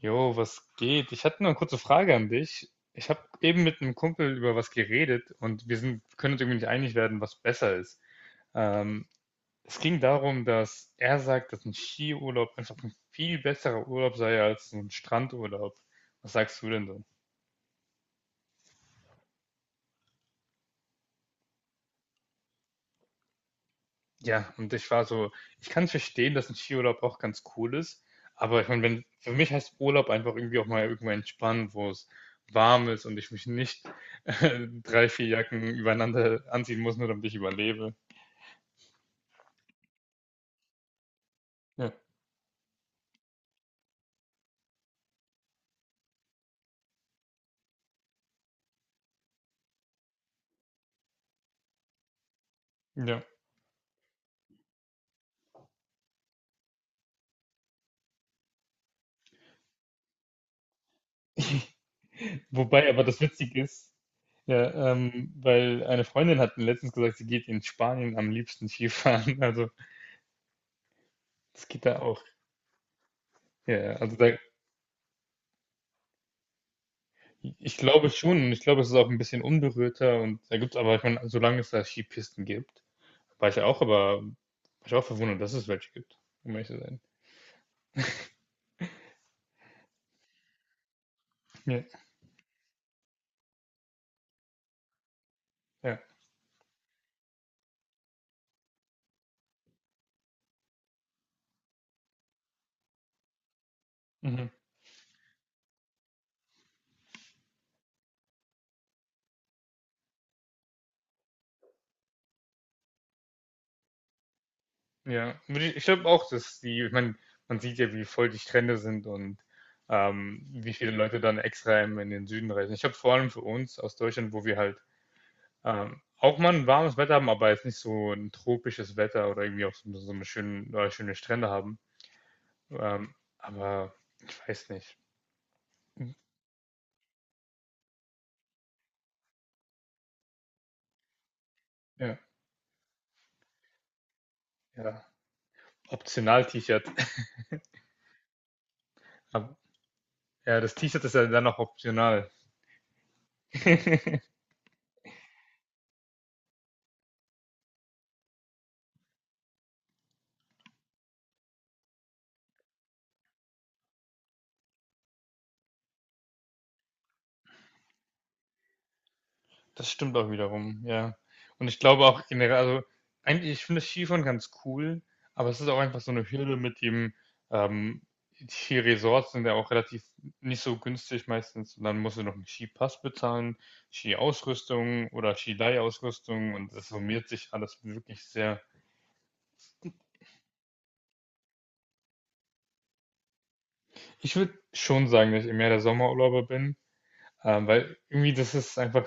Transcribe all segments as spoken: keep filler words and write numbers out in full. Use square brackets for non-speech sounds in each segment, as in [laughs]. Jo, was geht? Ich hatte nur eine kurze Frage an dich. Ich habe eben mit einem Kumpel über was geredet und wir sind, können uns irgendwie nicht einig werden, was besser ist. Ähm, Es ging darum, dass er sagt, dass ein Skiurlaub einfach ein viel besserer Urlaub sei als ein Strandurlaub. Was sagst du denn? Ja, und ich war so, ich kann verstehen, dass ein Skiurlaub auch ganz cool ist, aber ich meine, wenn für mich heißt Urlaub einfach irgendwie auch mal irgendwo entspannen, wo es warm ist und ich mich nicht, [laughs] äh, drei, vier Jacken übereinander anziehen muss, nur damit ich überlebe. Ja, ja. Wobei aber das witzige ist, ja, ähm, weil eine Freundin hat mir letztens gesagt, sie geht in Spanien am liebsten Skifahren. [laughs] Also, das geht da auch. Ja, ja, also da, ich glaube schon, und ich glaube, es ist auch ein bisschen unberührter und da gibt's, aber ich meine, solange es da Skipisten gibt. War ich ja auch, aber war ich auch verwundert, dass es welche gibt, um ehrlich zu sein. Ja, ja, mhm. Ja, würde ich, ich glaube auch, dass die, ich meine, man sieht ja, wie voll die Strände sind und ähm, wie viele Leute dann extra in, in den Süden reisen. Ich habe vor allem für uns aus Deutschland, wo wir halt ähm, auch mal ein warmes Wetter haben, aber jetzt nicht so ein tropisches Wetter oder irgendwie auch so, so eine schöne, oder schöne Strände haben. Ähm, aber ich weiß nicht. Ja, ja. Optional T-Shirt. [laughs] Aber ja, das T-Shirt ist ja dann noch optional. [laughs] Das stimmt auch wiederum, ja. Und ich glaube auch generell, also eigentlich, ich finde das Skifahren ganz cool, aber es ist auch einfach so eine Hürde mit dem, ähm, die Resorts sind ja auch relativ nicht so günstig meistens und dann musst du noch einen Skipass bezahlen, Skiausrüstung oder Skileihausrüstung, und das summiert sich alles wirklich sehr. Ich würde schon sagen, dass ich mehr der Sommerurlauber bin. Ähm, weil irgendwie das ist einfach,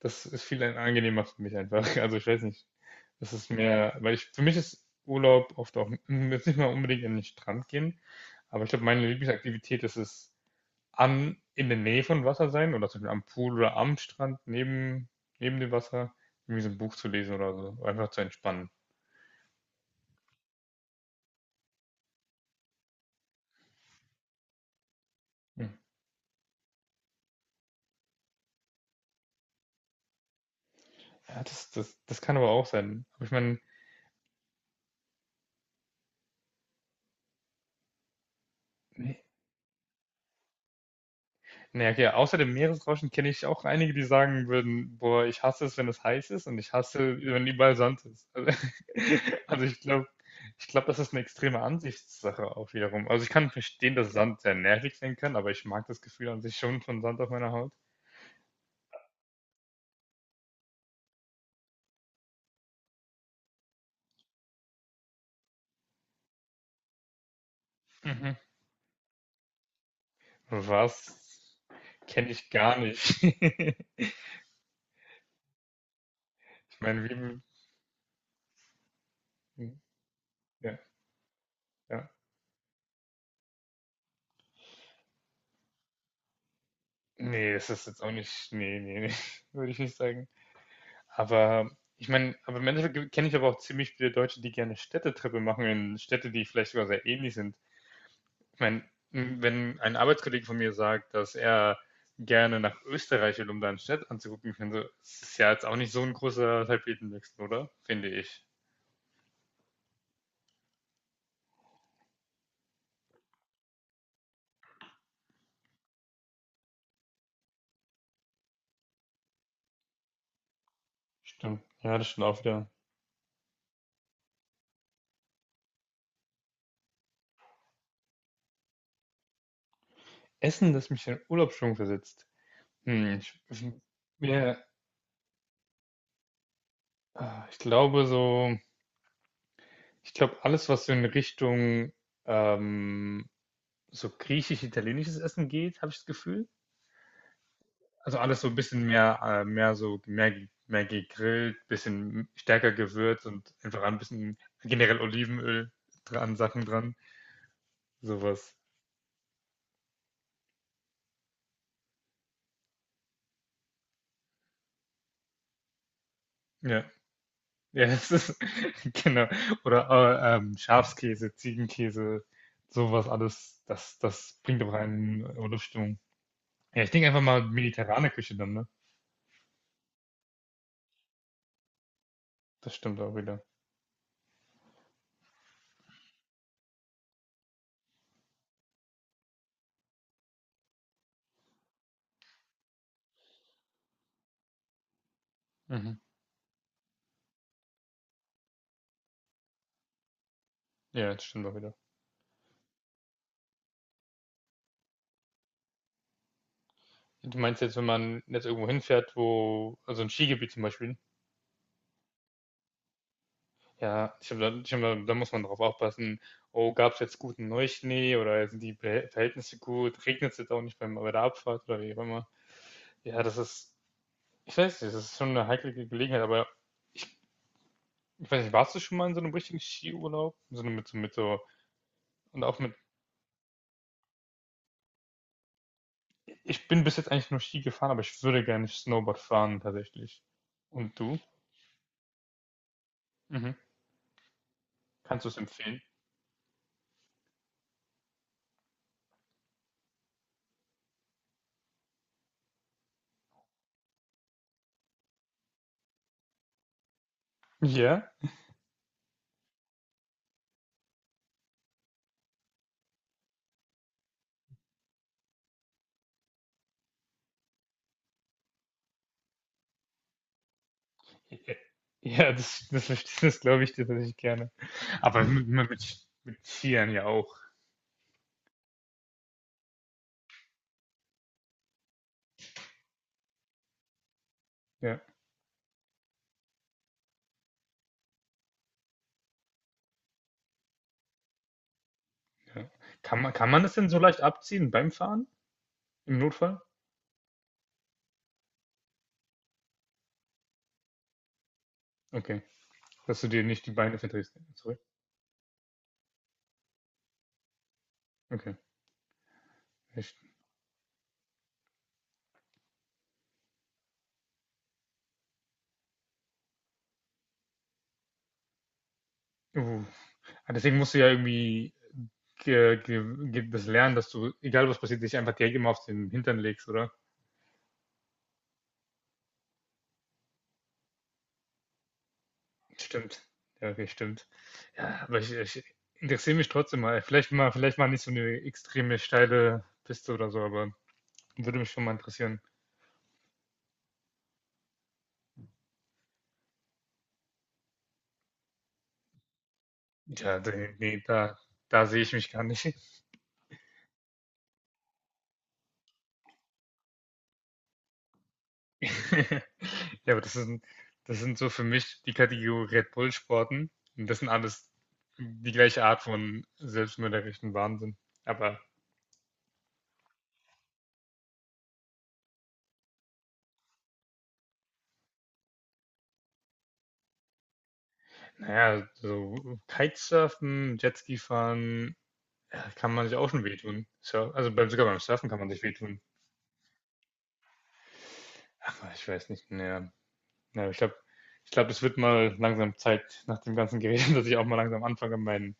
das ist viel angenehmer für mich einfach. [laughs] Also ich weiß nicht, das ist mehr, weil ich, für mich ist Urlaub oft auch, m, jetzt nicht mal unbedingt an den Strand gehen, aber ich glaube, meine Lieblingsaktivität ist es, an, in der Nähe von Wasser sein oder zum Beispiel am Pool oder am Strand neben, neben dem Wasser, irgendwie so ein Buch zu lesen oder so, einfach zu entspannen. Hm. Ja, das, das, das kann aber auch sein. Aber ich meine, naja, okay. Außer dem Meeresrauschen kenne ich auch einige, die sagen würden, boah, ich hasse es, wenn es heiß ist und ich hasse, wenn überall Sand ist. Also, [laughs] also ich glaube, ich glaube, das ist eine extreme Ansichtssache auch wiederum. Also ich kann verstehen, dass Sand sehr nervig sein kann, aber ich mag das Gefühl an sich schon von Sand auf meiner Haut. Mhm. Was? Kenne ich gar nicht. [laughs] Ich meine, wie... Ja, ja. Nee, es ist jetzt auch nicht... Nee, nee, nee. [laughs] Würde ich nicht sagen. Aber ich meine, aber im Endeffekt kenne ich aber auch ziemlich viele Deutsche, die gerne Städtetrippe machen in Städte, die vielleicht sogar sehr ähnlich sind. Ich meine, m, wenn ein Arbeitskollege von mir sagt, dass er gerne nach Österreich will, um da eine Stadt anzugucken, ich meine, so, das ist ja jetzt auch nicht so ein großer Tapetenwechsel, oder? Finde ich. Stimmt. Ja, das stimmt auch wieder. Essen, das mich in Urlaubsstimmung versetzt. Hm, ich, ich, mir- ah, ich glaube so, ich glaube alles, was so in Richtung ähm, so griechisch-italienisches Essen geht, habe ich das Gefühl. Also alles so ein bisschen mehr, äh, mehr so, mehr, mehr gegrillt, bisschen stärker gewürzt und einfach ein bisschen generell Olivenöl dran, Sachen dran, sowas. Ja, ja, das ist, [laughs] genau. Oder äh, ähm, Schafskäse, Ziegenkäse, sowas alles, das, das bringt auch einen Urlaubsstimmung. Ja, ich denke einfach mal mediterrane Küche dann, ne? Das stimmt auch wieder. Mhm. Ja, das stimmt auch wieder. Du meinst jetzt, wenn man jetzt irgendwo hinfährt, wo, also ein Skigebiet zum Beispiel, ja, ich glaube, da, ich glaube, da muss man drauf aufpassen. Oh, gab es jetzt guten Neuschnee oder sind die Be- Verhältnisse gut? Regnet es jetzt auch nicht beim, bei der Abfahrt oder wie auch immer? Ja, das ist, ich weiß nicht, das ist schon eine heikle Ge- Gelegenheit, aber ich weiß nicht, warst du schon mal in so einem richtigen Skiurlaub? So eine- mit so, mit so, und auch mit, ich bin bis jetzt eigentlich nur Ski gefahren, aber ich würde gerne Snowboard fahren tatsächlich. Und du? Mhm. Kannst du es empfehlen? Ja. Ja, das, das, verste- das glaube ich dir tatsächlich gerne. Aber mit, mit, mit Skiern ja auch. Ja, ja. Kann man, kann man das denn so leicht abziehen beim Fahren? Im Notfall? Okay. Dass du dir nicht die Beine verdrehst. Sorry. Okay. Echt. Uh. Ah, deswegen musst du ja irgendwie ge, ge, ge, das lernen, dass du, egal was passiert, dich einfach direkt immer auf den Hintern legst, oder? Stimmt. Ja, okay, stimmt. Ja, aber ich, ich interessiere mich trotzdem mal. Vielleicht mal, vielleicht mal nicht so eine extreme steile Piste oder so, aber. Würde mich schon mal interessieren. Ja, d- nee, da, da sehe ich mich gar nicht. [laughs] Ja, aber das sind, das sind so für mich die Kategorie Red Bull-Sporten. Und das sind alles die gleiche Art von selbstmörderischen Wahnsinn. Aber naja, so Kitesurfen, Jetski fahren, ja, kann man sich auch schon wehtun. So, also beim, sogar beim Surfen kann man sich wehtun. Aber ich weiß nicht, naja. Ja, ich glaube, ich glaube, es wird mal langsam Zeit nach dem ganzen Gerede, [laughs] dass ich auch mal langsam anfange, meinen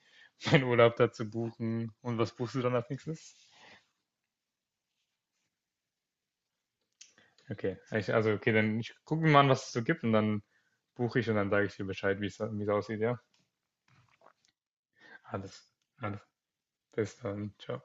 meinen Urlaub da zu buchen. Und was buchst du dann als nächstes? Okay, ich, also okay, dann ich gucke mir mal an, was es so gibt und dann buche ich und dann sage ich dir Bescheid, wie es wie es aussieht, ja? Alles, alles. Bis dann. Ciao.